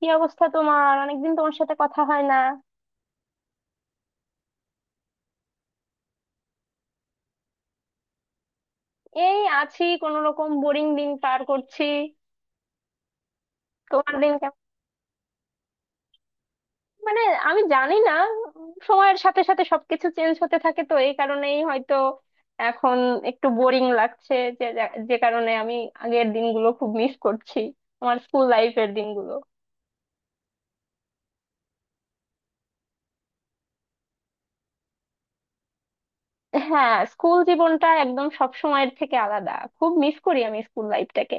কি অবস্থা তোমার? অনেকদিন তোমার সাথে কথা হয় না। এই আছি কোন রকম, বোরিং দিন পার করছি। তোমার দিন কেমন? মানে, আমি জানি না। সময়ের সাথে সাথে সবকিছু চেঞ্জ হতে থাকে, তো এই কারণেই হয়তো এখন একটু বোরিং লাগছে, যে যে কারণে আমি আগের দিনগুলো খুব মিস করছি, আমার স্কুল লাইফের দিনগুলো। হ্যাঁ, স্কুল জীবনটা একদম সব সময়ের থেকে আলাদা। খুব মিস করি আমি স্কুল লাইফটাকে।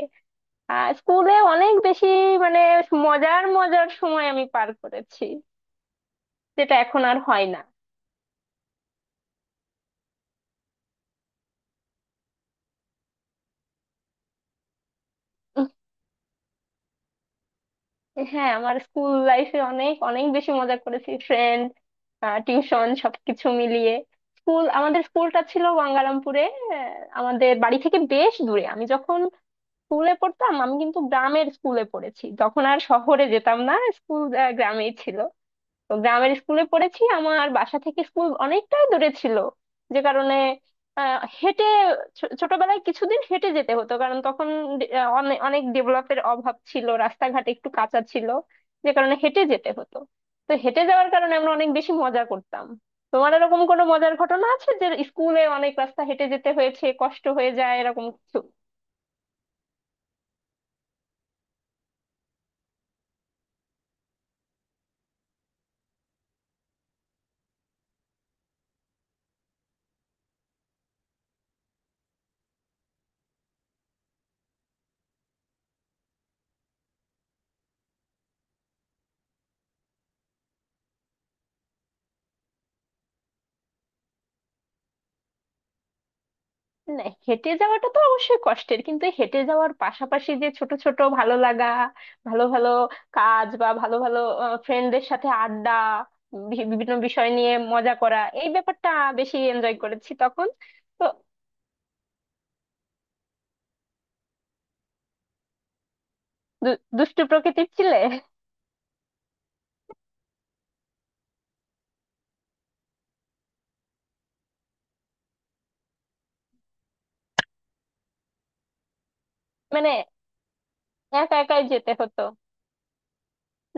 স্কুলে অনেক বেশি, মানে মজার মজার সময় আমি পার করেছি, যেটা এখন আর হয় না। উহ, হ্যাঁ, আমার স্কুল লাইফে অনেক অনেক বেশি মজা করেছি, ফ্রেন্ড, টিউশন সবকিছু মিলিয়ে। আমাদের স্কুলটা ছিল গঙ্গারামপুরে। আহ, আমাদের বাড়ি থেকে বেশ দূরে। আমি যখন স্কুলে পড়তাম, আমি কিন্তু গ্রামের স্কুলে পড়েছি, যখন আর শহরে যেতাম না, স্কুল গ্রামেই ছিল। তো গ্রামের স্কুলে পড়েছি, আমার বাসা থেকে স্কুল অনেকটাই দূরে ছিল, যে কারণে আহ, হেঁটে ছোটবেলায় কিছুদিন হেঁটে যেতে হতো, কারণ তখন অনেক ডেভেলপের অভাব ছিল, রাস্তাঘাট একটু কাঁচা ছিল, যে কারণে হেঁটে যেতে হতো। তো হেঁটে যাওয়ার কারণে আমরা অনেক বেশি মজা করতাম। তোমার এরকম কোনো মজার ঘটনা আছে, যে স্কুলে অনেক রাস্তা হেঁটে যেতে হয়েছে, কষ্ট হয়ে যায় এরকম কিছু? না, হেঁটে যাওয়াটা তো অবশ্যই কষ্টের, কিন্তু এই হেঁটে যাওয়ার পাশাপাশি যে ছোট ছোট ভালো লাগা, ভালো ভালো কাজ বা ভালো ভালো ফ্রেন্ডদের সাথে আড্ডা, বিভিন্ন বিষয় নিয়ে মজা করা, এই ব্যাপারটা বেশি এনজয় করেছি তখন। তো দুষ্টু প্রকৃতির ছিলে? মানে একা একাই যেতে হতো?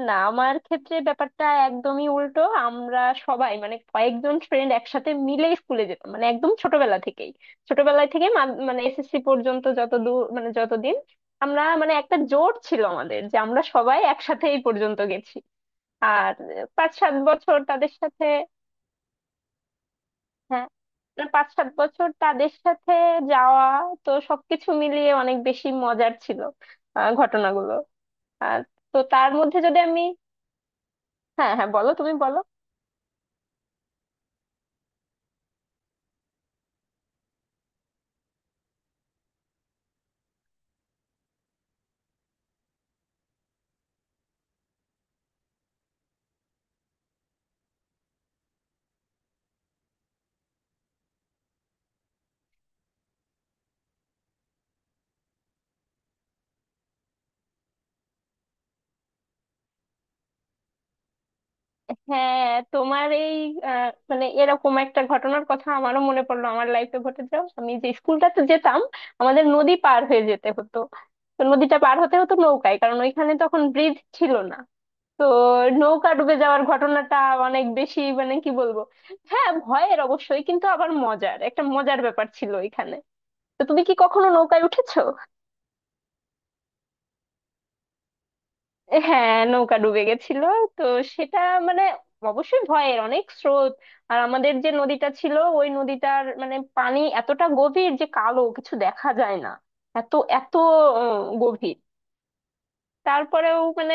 না, আমার ক্ষেত্রে ব্যাপারটা একদমই উল্টো। আমরা সবাই, মানে কয়েকজন ফ্রেন্ড একসাথে মিলে স্কুলে যেতাম, মানে একদম ছোটবেলা থেকেই। ছোটবেলা থেকে মানে এসএসসি পর্যন্ত যত দূর, মানে যতদিন আমরা, মানে একটা জোট ছিল আমাদের, যে আমরা সবাই একসাথে এই পর্যন্ত গেছি। আর পাঁচ সাত বছর তাদের সাথে। হ্যাঁ। না, পাঁচ সাত বছর তাদের সাথে যাওয়া, তো সবকিছু মিলিয়ে অনেক বেশি মজার ছিল ঘটনাগুলো। আর তো তার মধ্যে যদি আমি... হ্যাঁ, হ্যাঁ, বলো, তুমি বলো। হ্যাঁ, তোমার এই মানে এরকম একটা ঘটনার কথা আমারও মনে পড়লো আমার লাইফে ঘটে যাও। আমি যে স্কুলটাতে যেতাম, আমাদের নদী পার হয়ে যেতে হতো। তো নদীটা পার হতে হতো নৌকায়, কারণ ওইখানে তখন ব্রিজ ছিল না। তো নৌকা ডুবে যাওয়ার ঘটনাটা অনেক বেশি, মানে কি বলবো, হ্যাঁ ভয়ের অবশ্যই, কিন্তু আবার একটা মজার ব্যাপার ছিল ওইখানে। তো তুমি কি কখনো নৌকায় উঠেছো? হ্যাঁ, নৌকা ডুবে গেছিল। তো সেটা মানে অবশ্যই ভয়ের, অনেক স্রোত। আর আমাদের যে নদীটা ছিল, ওই নদীটার মানে পানি এতটা গভীর যে কালো, কিছু দেখা যায় না, এত এত গভীর। তারপরেও মানে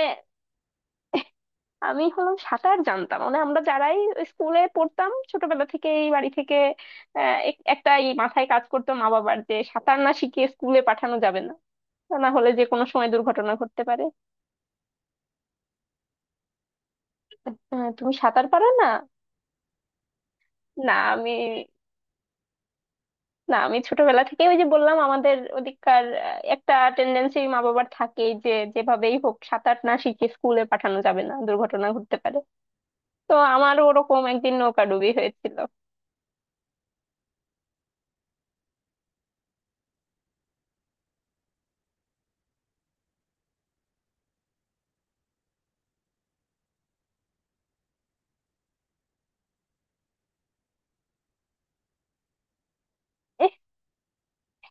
আমি হলাম সাঁতার জানতাম, মানে আমরা যারাই স্কুলে পড়তাম ছোটবেলা থেকেই, বাড়ি থেকে একটা এই মাথায় কাজ করতো মা বাবার, যে সাঁতার না শিখিয়ে স্কুলে পাঠানো যাবে না, তা না হলে যে কোনো সময় দুর্ঘটনা ঘটতে পারে। তুমি সাঁতার পারো না? না, আমি... না, আমি ছোটবেলা থেকে ওই যে বললাম, আমাদের ওদিককার একটা টেন্ডেন্সি মা বাবার থাকেই, যে যেভাবেই হোক সাঁতার না শিখে স্কুলে পাঠানো যাবে না, দুর্ঘটনা ঘটতে পারে। তো আমার ওরকম একদিন নৌকাডুবি হয়েছিল।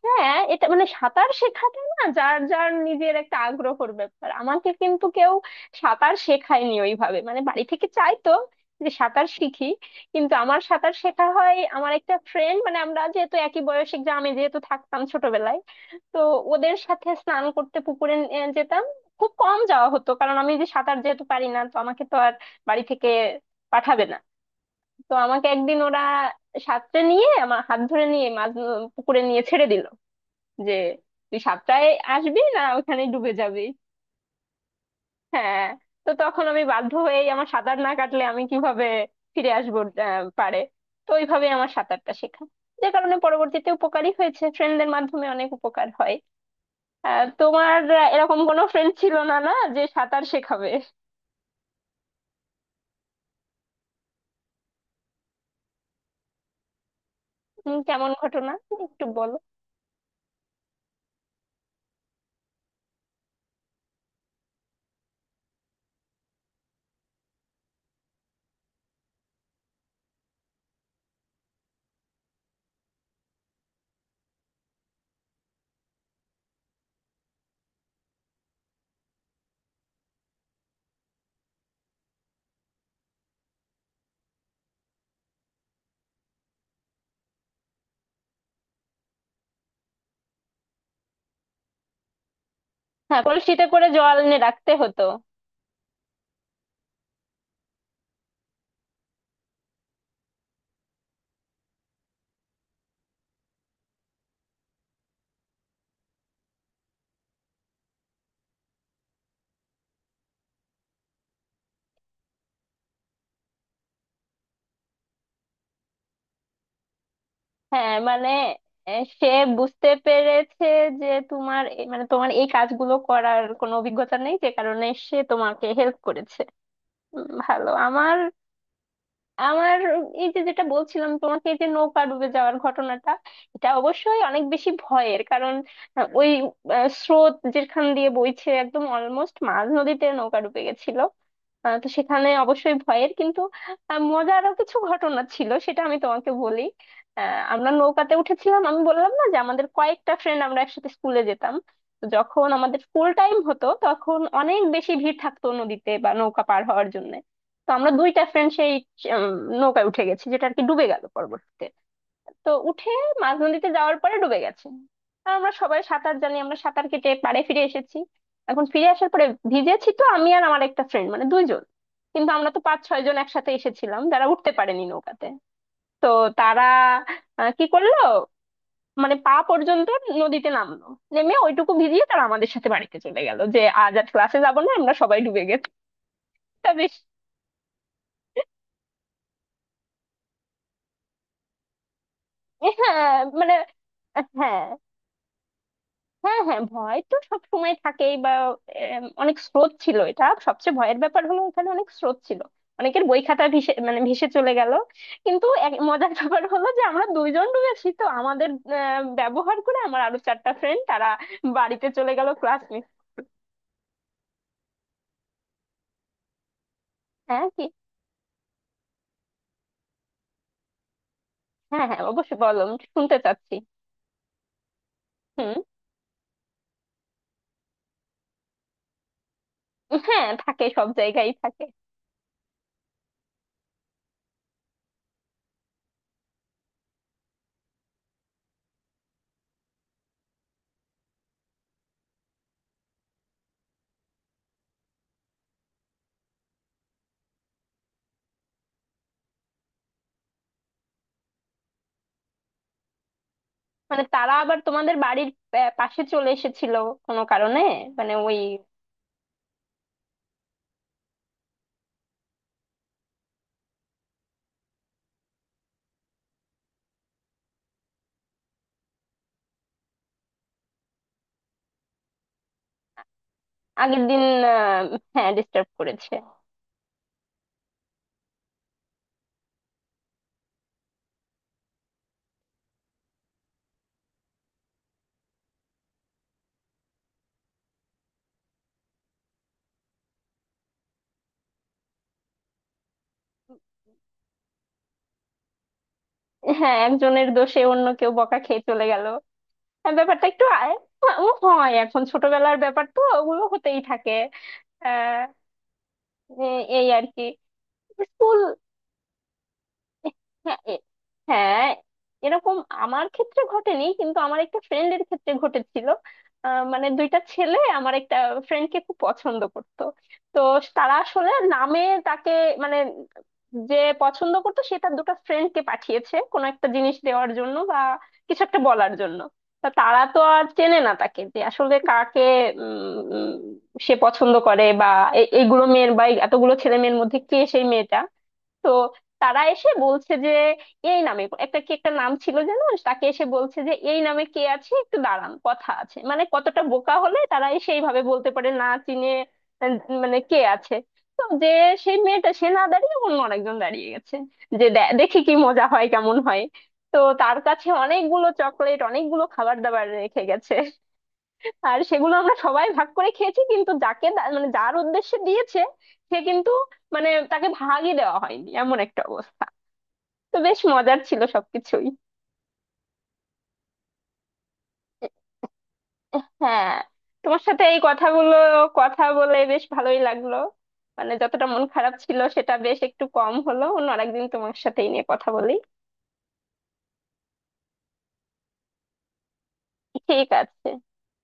হ্যাঁ, এটা মানে সাঁতার শেখাটা না, যার যার নিজের একটা আগ্রহের ব্যাপার। আমাকে কিন্তু কেউ সাঁতার শেখায়নি ওইভাবে, মানে বাড়ি থেকে চাইতো যে সাঁতার শিখি, কিন্তু আমার সাঁতার শেখা হয় আমার একটা ফ্রেন্ড, মানে আমরা যেহেতু একই বয়সে গ্রামে যেহেতু থাকতাম ছোটবেলায়। তো ওদের সাথে স্নান করতে পুকুরে যেতাম। খুব কম যাওয়া হতো, কারণ আমি যে সাঁতার যেহেতু পারি না, তো আমাকে তো আর বাড়ি থেকে পাঠাবে না। তো আমাকে একদিন ওরা সাঁতরে নিয়ে, আমার হাত ধরে নিয়ে মাঝ পুকুরে নিয়ে ছেড়ে দিল, যে তুই সাতটায় আসবি না, ওখানে ডুবে যাবি। হ্যাঁ। তো তখন আমি বাধ্য হয়েই, আমার সাঁতার না কাটলে আমি কিভাবে ফিরে আসবো পারে। তো ওইভাবে আমার সাঁতারটা শেখা, যে কারণে পরবর্তীতে উপকারী হয়েছে, ফ্রেন্ডদের মাধ্যমে অনেক উপকার হয়। তোমার এরকম কোনো ফ্রেন্ড ছিল না, না যে সাঁতার শেখাবে? কেমন ঘটনা? একটু বলো। হ্যাঁ, কলসিতে করে জল এনে রাখতে হতো। হ্যাঁ মানে সে বুঝতে পেরেছে, যে তোমার মানে তোমার এই কাজগুলো করার কোনো অভিজ্ঞতা নেই, যে কারণে সে তোমাকে হেল্প করেছে। ভালো। আমার আমার এই যে যেটা বলছিলাম তোমাকে, এই যে নৌকা ডুবে যাওয়ার ঘটনাটা, এটা অবশ্যই অনেক বেশি ভয়ের, কারণ আহ, ওই স্রোত যেখান দিয়ে বইছে একদম অলমোস্ট মাঝ নদীতে নৌকা ডুবে গেছিল। তো সেখানে অবশ্যই ভয়ের, কিন্তু মজারও কিছু ঘটনা ছিল, সেটা আমি তোমাকে বলি। আমরা নৌকাতে উঠেছিলাম, আমি বললাম না যে আমাদের কয়েকটা ফ্রেন্ড আমরা একসাথে স্কুলে যেতাম। তো যখন আমাদের স্কুল টাইম হতো, তখন অনেক বেশি ভিড় থাকতো নদীতে বা নৌকা পার হওয়ার জন্য। তো আমরা দুইটা ফ্রেন্ড সেই উম, নৌকায় উঠে গেছি, যেটা আর কি ডুবে গেল পরবর্তীতে। তো উঠে মাঝ নদীতে যাওয়ার পরে ডুবে গেছে। আর আমরা সবাই সাঁতার জানি, আমরা সাঁতার কেটে পাড়ে ফিরে এসেছি। এখন ফিরে আসার পরে ভিজেছি তো আমি আর আমার একটা ফ্রেন্ড, মানে দুইজন। কিন্তু আমরা তো পাঁচ ছয় জন একসাথে এসেছিলাম, যারা উঠতে পারেনি নৌকাতে, তো তারা কি করলো, মানে পা পর্যন্ত নদীতে নামলো। নেমে ওইটুকু ভিজিয়ে তারা আমাদের সাথে বাড়িতে চলে গেল, যে আজ আর ক্লাসে যাবো না, আমরা সবাই ডুবে গেছি। তা বেশ। হ্যাঁ মানে, হ্যাঁ, হ্যাঁ, হ্যাঁ, ভয় তো সব সময় থাকেই বা... অনেক স্রোত ছিল, এটা সবচেয়ে ভয়ের ব্যাপার হলো, এখানে অনেক স্রোত ছিল। অনেকের বই খাতা ভেসে, মানে ভেসে চলে গেল। কিন্তু এক মজার ব্যাপার হলো, যে আমরা দুইজন ডুবেছি তো আমাদের ব্যবহার করে আমার আরো চারটা ফ্রেন্ড তারা বাড়িতে চলে গেল, ক্লাস মিস। হ্যাঁ, কি? হ্যাঁ, হ্যাঁ, অবশ্যই বলো, আমি শুনতে চাচ্ছি। হুম। হ্যাঁ, থাকে, সব জায়গায় থাকে। মানে তারা আবার তোমাদের বাড়ির পাশে চলে এসেছিল কোনো কারণে, মানে ওই আগের দিন হ্যাঁ, ডিস্টার্ব করেছে। হ্যাঁ, একজনের দোষে অন্য কেউ বকা খেয়ে চলে গেল। হ্যাঁ, ব্যাপারটা একটু ও হয়, এখন ছোটবেলার ব্যাপার তো, ওগুলো হতেই থাকে। আহ এই আর কি। স্কুল। হ্যাঁ, হ্যাঁ, এরকম আমার ক্ষেত্রে ঘটেনি, কিন্তু আমার একটা ফ্রেন্ডের ক্ষেত্রে ঘটেছিল। মানে দুইটা ছেলে আমার একটা ফ্রেন্ডকে খুব পছন্দ করতো। তো তারা আসলে নামে তাকে, মানে যে পছন্দ করতো সে তার দুটো ফ্রেন্ডকে পাঠিয়েছে কোনো একটা জিনিস দেওয়ার জন্য বা কিছু একটা বলার জন্য। তা তারা তো আর চেনে না তাকে, যে আসলে কাকে উম, উম, সে পছন্দ করে, বা এইগুলো মেয়ের, বা এতগুলো ছেলে মেয়ের মধ্যে কে সেই মেয়েটা। তো তারা এসে বলছে যে এই নামে, একটা কি একটা নাম ছিল যেন, তাকে এসে বলছে যে এই নামে কে আছে, একটু দাঁড়ান, কথা আছে। মানে কতটা বোকা হলে তারা এসে এইভাবে বলতে পারে না চিনে, আহ, মানে কে আছে। তো যে সেই মেয়েটা সে না দাঁড়িয়ে অন্য আরেকজন দাঁড়িয়ে গেছে, যে দেখি কি মজা হয়, কেমন হয়। তো তার কাছে অনেকগুলো চকলেট, অনেকগুলো খাবার দাবার রেখে গেছে। আর সেগুলো আমরা সবাই ভাগ করে খেয়েছি, কিন্তু যাকে মানে যার উদ্দেশ্যে দিয়েছে সে কিন্তু, মানে তাকে ভাগই দেওয়া হয়নি, এমন একটা অবস্থা। তো বেশ মজার ছিল সবকিছুই। হ্যাঁ, তোমার সাথে এই কথাগুলো, কথা বলে বেশ ভালোই লাগলো। মানে যতটা মন খারাপ ছিল সেটা বেশ একটু কম হলো। অন্য আরেকদিন তোমার সাথে এই নিয়ে কথা বলি। ঠিক আছে।